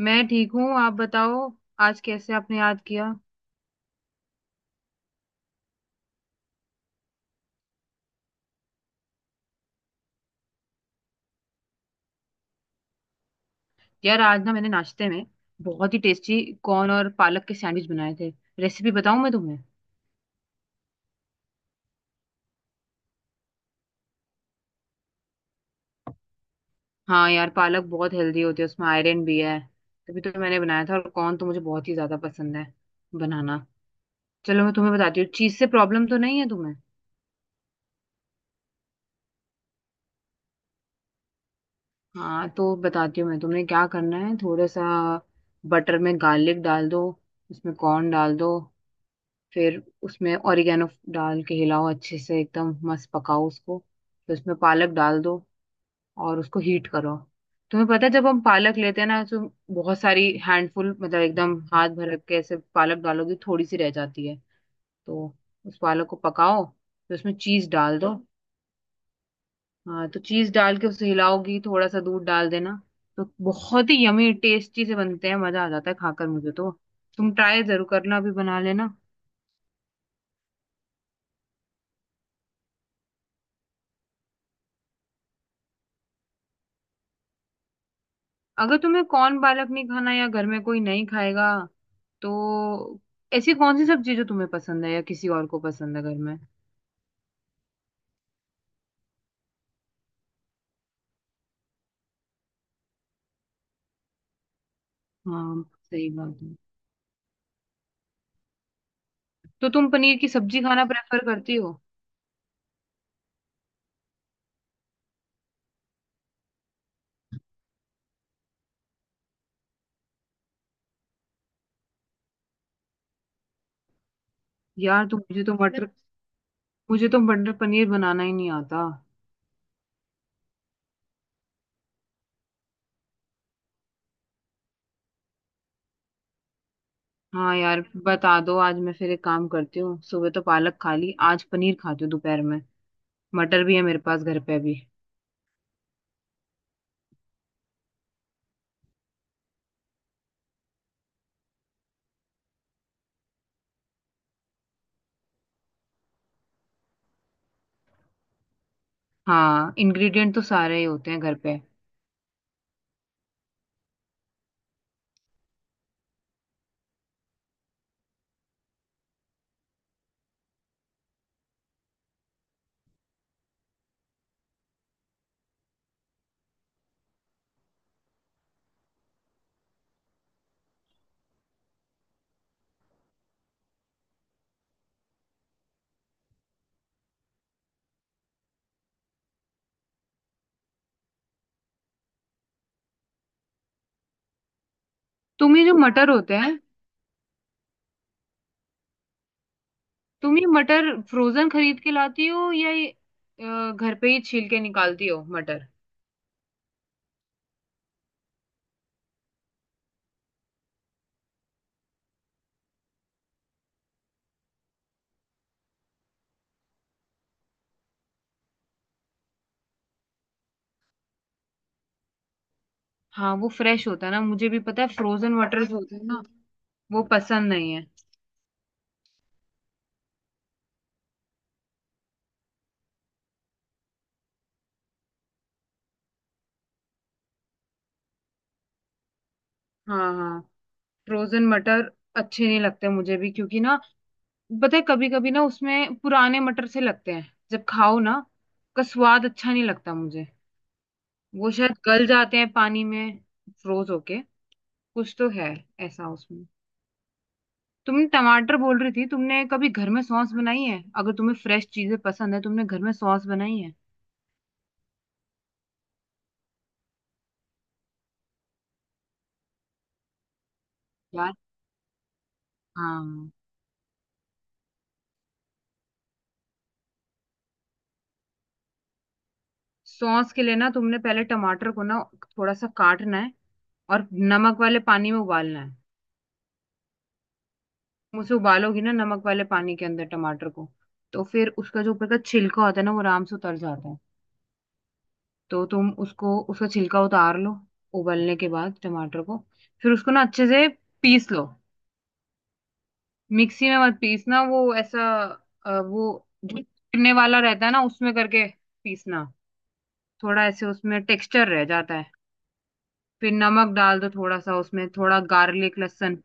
मैं ठीक हूँ। आप बताओ, आज कैसे आपने याद किया। यार आज ना मैंने नाश्ते में बहुत ही टेस्टी कॉर्न और पालक के सैंडविच बनाए थे। रेसिपी बताऊँ मैं तुम्हें? हाँ यार, पालक बहुत हेल्दी होती है, उसमें आयरन भी है। तभी तो मैंने बनाया था। और कॉर्न तो मुझे बहुत ही ज्यादा पसंद है बनाना। चलो मैं तुम्हें बताती हूँ। चीज से प्रॉब्लम तो नहीं है तुम्हें? हाँ तो बताती हूँ मैं, तुमने क्या करना है, थोड़ा सा बटर में गार्लिक डाल दो, उसमें कॉर्न डाल दो, फिर उसमें ओरिगेनो डाल के हिलाओ अच्छे से, एकदम मस्त पकाओ उसको, फिर उसमें पालक डाल दो और उसको हीट करो। तुम्हें पता है जब हम पालक लेते हैं ना, तो बहुत सारी हैंडफुल मतलब एकदम हाथ भर के ऐसे पालक डालोगे, थोड़ी सी रह जाती है। तो उस पालक को पकाओ, फिर उसमें चीज डाल दो। हाँ तो चीज डाल के उसे हिलाओगी, थोड़ा सा दूध डाल देना। तो बहुत ही यमी टेस्टी से बनते हैं, मजा आ जाता है खाकर, मुझे तो। तुम ट्राई जरूर करना, अभी बना लेना। अगर तुम्हें कौन पालक नहीं खाना या घर में कोई नहीं खाएगा तो ऐसी कौन सी सब्जी जो तुम्हें पसंद है या किसी और को पसंद है घर में? हाँ सही बात है। तो तुम पनीर की सब्जी खाना प्रेफर करती हो? यार तुम, मुझे तो मटर पनीर बनाना ही नहीं आता। हाँ यार, बता दो। आज मैं फिर एक काम करती हूँ, सुबह तो पालक खा ली, आज पनीर खाती हूँ दोपहर में। मटर भी है मेरे पास घर पे अभी। हाँ इंग्रेडिएंट तो सारे ही होते हैं घर पे। तुम ये जो मटर होते हैं, तुम ये मटर फ्रोजन खरीद के लाती हो, या ये घर पे ही छील के निकालती हो मटर? हाँ वो फ्रेश होता है ना, मुझे भी पता है फ्रोजन मटर जो होते हैं ना, वो पसंद नहीं है। हाँ हाँ, फ्रोजन मटर अच्छे नहीं लगते मुझे भी, क्योंकि ना, पता है कभी कभी ना उसमें पुराने मटर से लगते हैं, जब खाओ ना उसका स्वाद अच्छा नहीं लगता मुझे। वो शायद गल जाते हैं पानी में फ्रोज होके। कुछ तो है ऐसा उसमें। तुम टमाटर बोल रही थी, तुमने कभी घर में सॉस बनाई है? अगर तुम्हें फ्रेश चीजें पसंद है, तुमने घर में सॉस बनाई है? यार हाँ, सॉस के लिए ना तुमने पहले टमाटर को ना थोड़ा सा काटना है और नमक वाले पानी में उबालना है। तुम उसे उबालोगी ना नमक वाले पानी के अंदर टमाटर को, तो फिर उसका जो ऊपर का छिलका होता है ना वो आराम से उतर जाता है। तो तुम उसको, उसका छिलका उतार लो उबलने के बाद टमाटर को। फिर उसको ना अच्छे से पीस लो। मिक्सी में मत पीसना, वो ऐसा वो जो चुनने वाला रहता है ना, उसमें करके पीसना। थोड़ा ऐसे उसमें टेक्सचर रह जाता है। फिर नमक डाल दो थोड़ा सा उसमें, थोड़ा गार्लिक, लहसुन।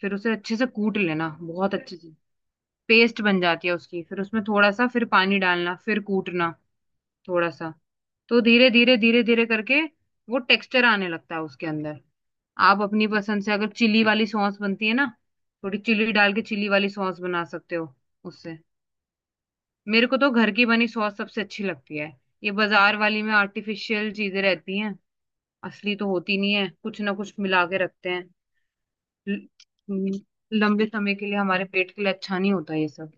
फिर उसे अच्छे से कूट लेना, बहुत अच्छे से। पेस्ट बन जाती है उसकी। फिर उसमें थोड़ा सा फिर पानी डालना, फिर कूटना थोड़ा सा। तो धीरे धीरे धीरे धीरे करके वो टेक्सचर आने लगता है उसके अंदर। आप अपनी पसंद से, अगर चिली वाली सॉस बनती है ना, थोड़ी चिली डाल के चिली वाली सॉस बना सकते हो उससे। मेरे को तो घर की बनी सॉस सबसे अच्छी लगती है। ये बाजार वाली में आर्टिफिशियल चीजें रहती हैं, असली तो होती नहीं है, कुछ ना कुछ मिला के रखते हैं। ल- हम्म, लंबे समय के लिए हमारे पेट के लिए अच्छा नहीं होता ये सब।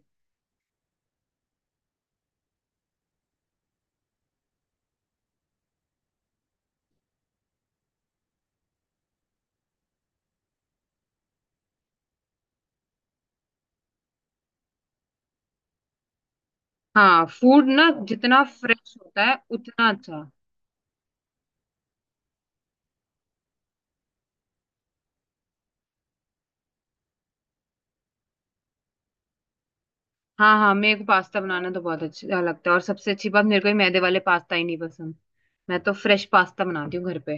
हाँ फूड ना जितना फ्रेश होता है उतना अच्छा। हाँ हाँ, मेरे को पास्ता बनाना तो बहुत अच्छा लगता है। और सबसे अच्छी बात, मेरे को ये मैदे वाले पास्ता ही नहीं पसंद। मैं तो फ्रेश पास्ता बनाती हूँ घर पे।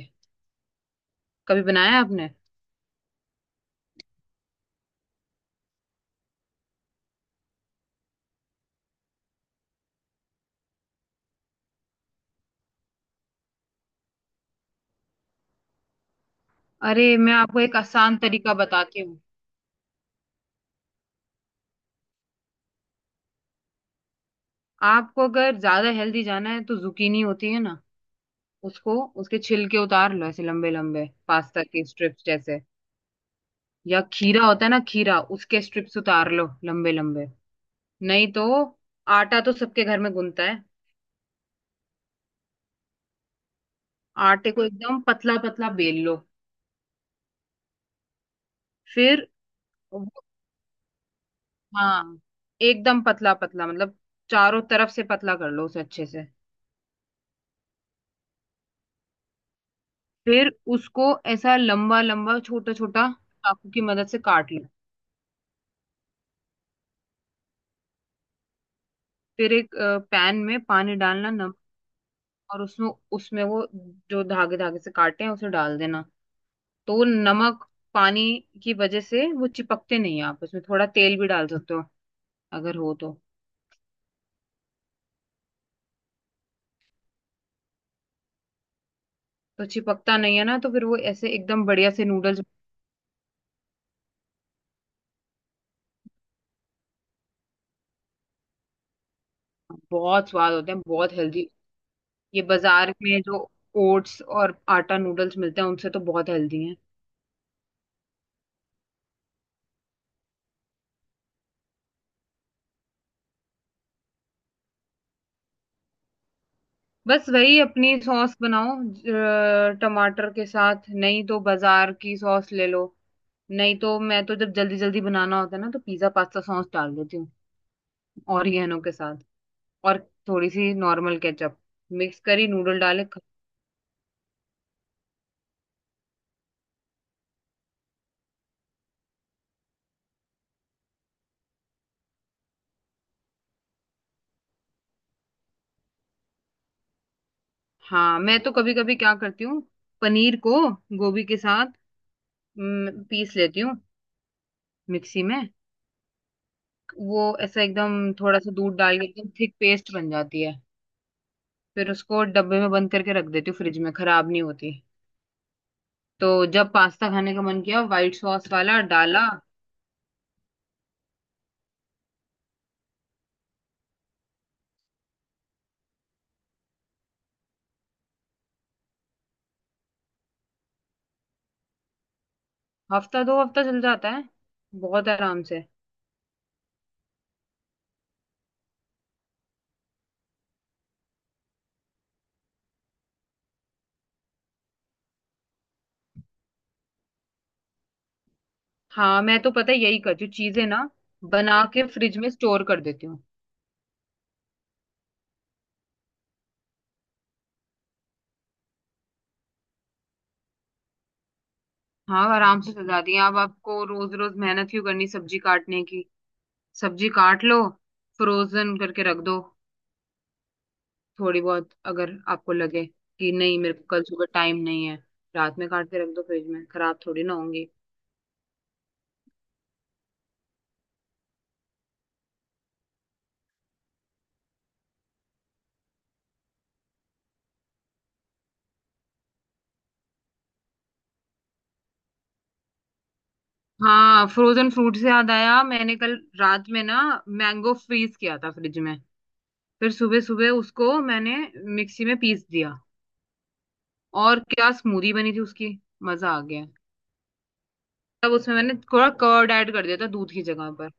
कभी बनाया आपने? अरे मैं आपको एक आसान तरीका बताती हूँ। आपको अगर ज्यादा हेल्दी जाना है तो जुकीनी होती है ना, उसको, उसके छिलके उतार लो ऐसे लंबे लंबे पास्ता के स्ट्रिप्स जैसे। या खीरा होता है ना, खीरा उसके स्ट्रिप्स उतार लो लंबे लंबे। नहीं तो आटा तो सबके घर में गुनता है। आटे को एकदम पतला पतला बेल लो। फिर वो- हाँ एकदम पतला पतला मतलब चारों तरफ से पतला कर लो उसे अच्छे से। फिर उसको ऐसा लंबा लंबा, छोटा छोटा, चाकू की मदद से काट लो। फिर एक पैन में पानी डालना, नमक, और उसमें उसमें वो जो धागे धागे से काटे हैं उसे डाल देना। तो वो नमक पानी की वजह से वो चिपकते नहीं है। आप उसमें थोड़ा तेल भी डाल सकते हो, अगर हो तो। तो चिपकता नहीं है ना, तो फिर वो ऐसे एकदम बढ़िया से नूडल्स। बहुत स्वाद होते हैं, बहुत हेल्दी। ये बाजार में जो ओट्स और आटा नूडल्स मिलते हैं उनसे तो बहुत हेल्दी हैं। बस वही अपनी सॉस बनाओ, टमाटर के साथ। नहीं तो बाजार की सॉस ले लो। नहीं तो मैं तो जब जल्दी जल्दी बनाना होता है ना तो पिज्जा पास्ता सॉस डाल देती हूँ ऑरिगेनो के साथ। और थोड़ी सी नॉर्मल केचप मिक्स करी, नूडल डाले हाँ। मैं तो कभी कभी क्या करती हूँ, पनीर को गोभी के साथ पीस लेती हूँ मिक्सी में। वो ऐसा एकदम थोड़ा सा दूध डाल के एकदम थिक पेस्ट बन जाती है। फिर उसको डब्बे में बंद करके रख देती हूँ फ्रिज में, खराब नहीं होती। तो जब पास्ता खाने का मन किया, व्हाइट सॉस वाला डाला। हफ्ता दो हफ्ता चल जाता है, बहुत आराम से। हाँ मैं तो पता है यही करती हूँ, चीजें ना बना के फ्रिज में स्टोर कर देती हूँ। हाँ आराम से सजा दिए। अब आपको रोज रोज मेहनत क्यों करनी सब्जी काटने की। सब्जी काट लो, फ्रोजन करके रख दो। थोड़ी बहुत अगर आपको लगे कि नहीं मेरे को कल सुबह टाइम नहीं है, रात में काट के रख दो फ्रिज में, खराब थोड़ी ना होंगी। हाँ फ्रोजन फ्रूट से याद आया, मैंने कल रात में ना मैंगो फ्रीज किया था फ्रिज में, फिर सुबह सुबह उसको मैंने मिक्सी में पीस दिया। और क्या स्मूदी बनी थी उसकी, मजा आ गया। तब उसमें मैंने थोड़ा कर्ड ऐड कर दिया था दूध की जगह पर।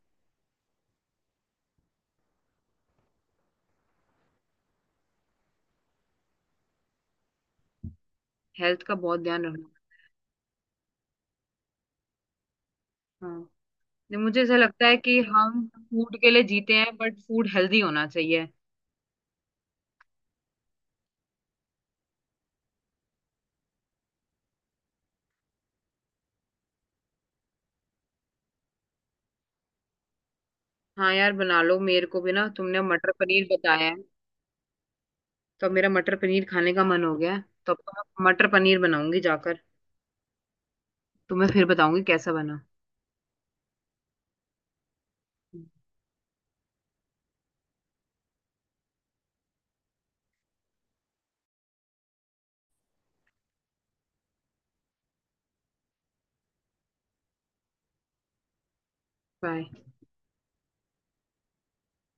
हेल्थ का बहुत ध्यान रखना। हाँ नहीं, मुझे ऐसा लगता है कि हम फूड के लिए जीते हैं, बट फूड हेल्दी होना चाहिए। हाँ यार बना लो। मेरे को भी ना तुमने मटर पनीर बताया है, तो अब मेरा मटर पनीर खाने का मन हो गया है। तो अब तो मैं मटर पनीर बनाऊंगी जाकर। तुम्हें फिर बताऊंगी कैसा बना। बाय।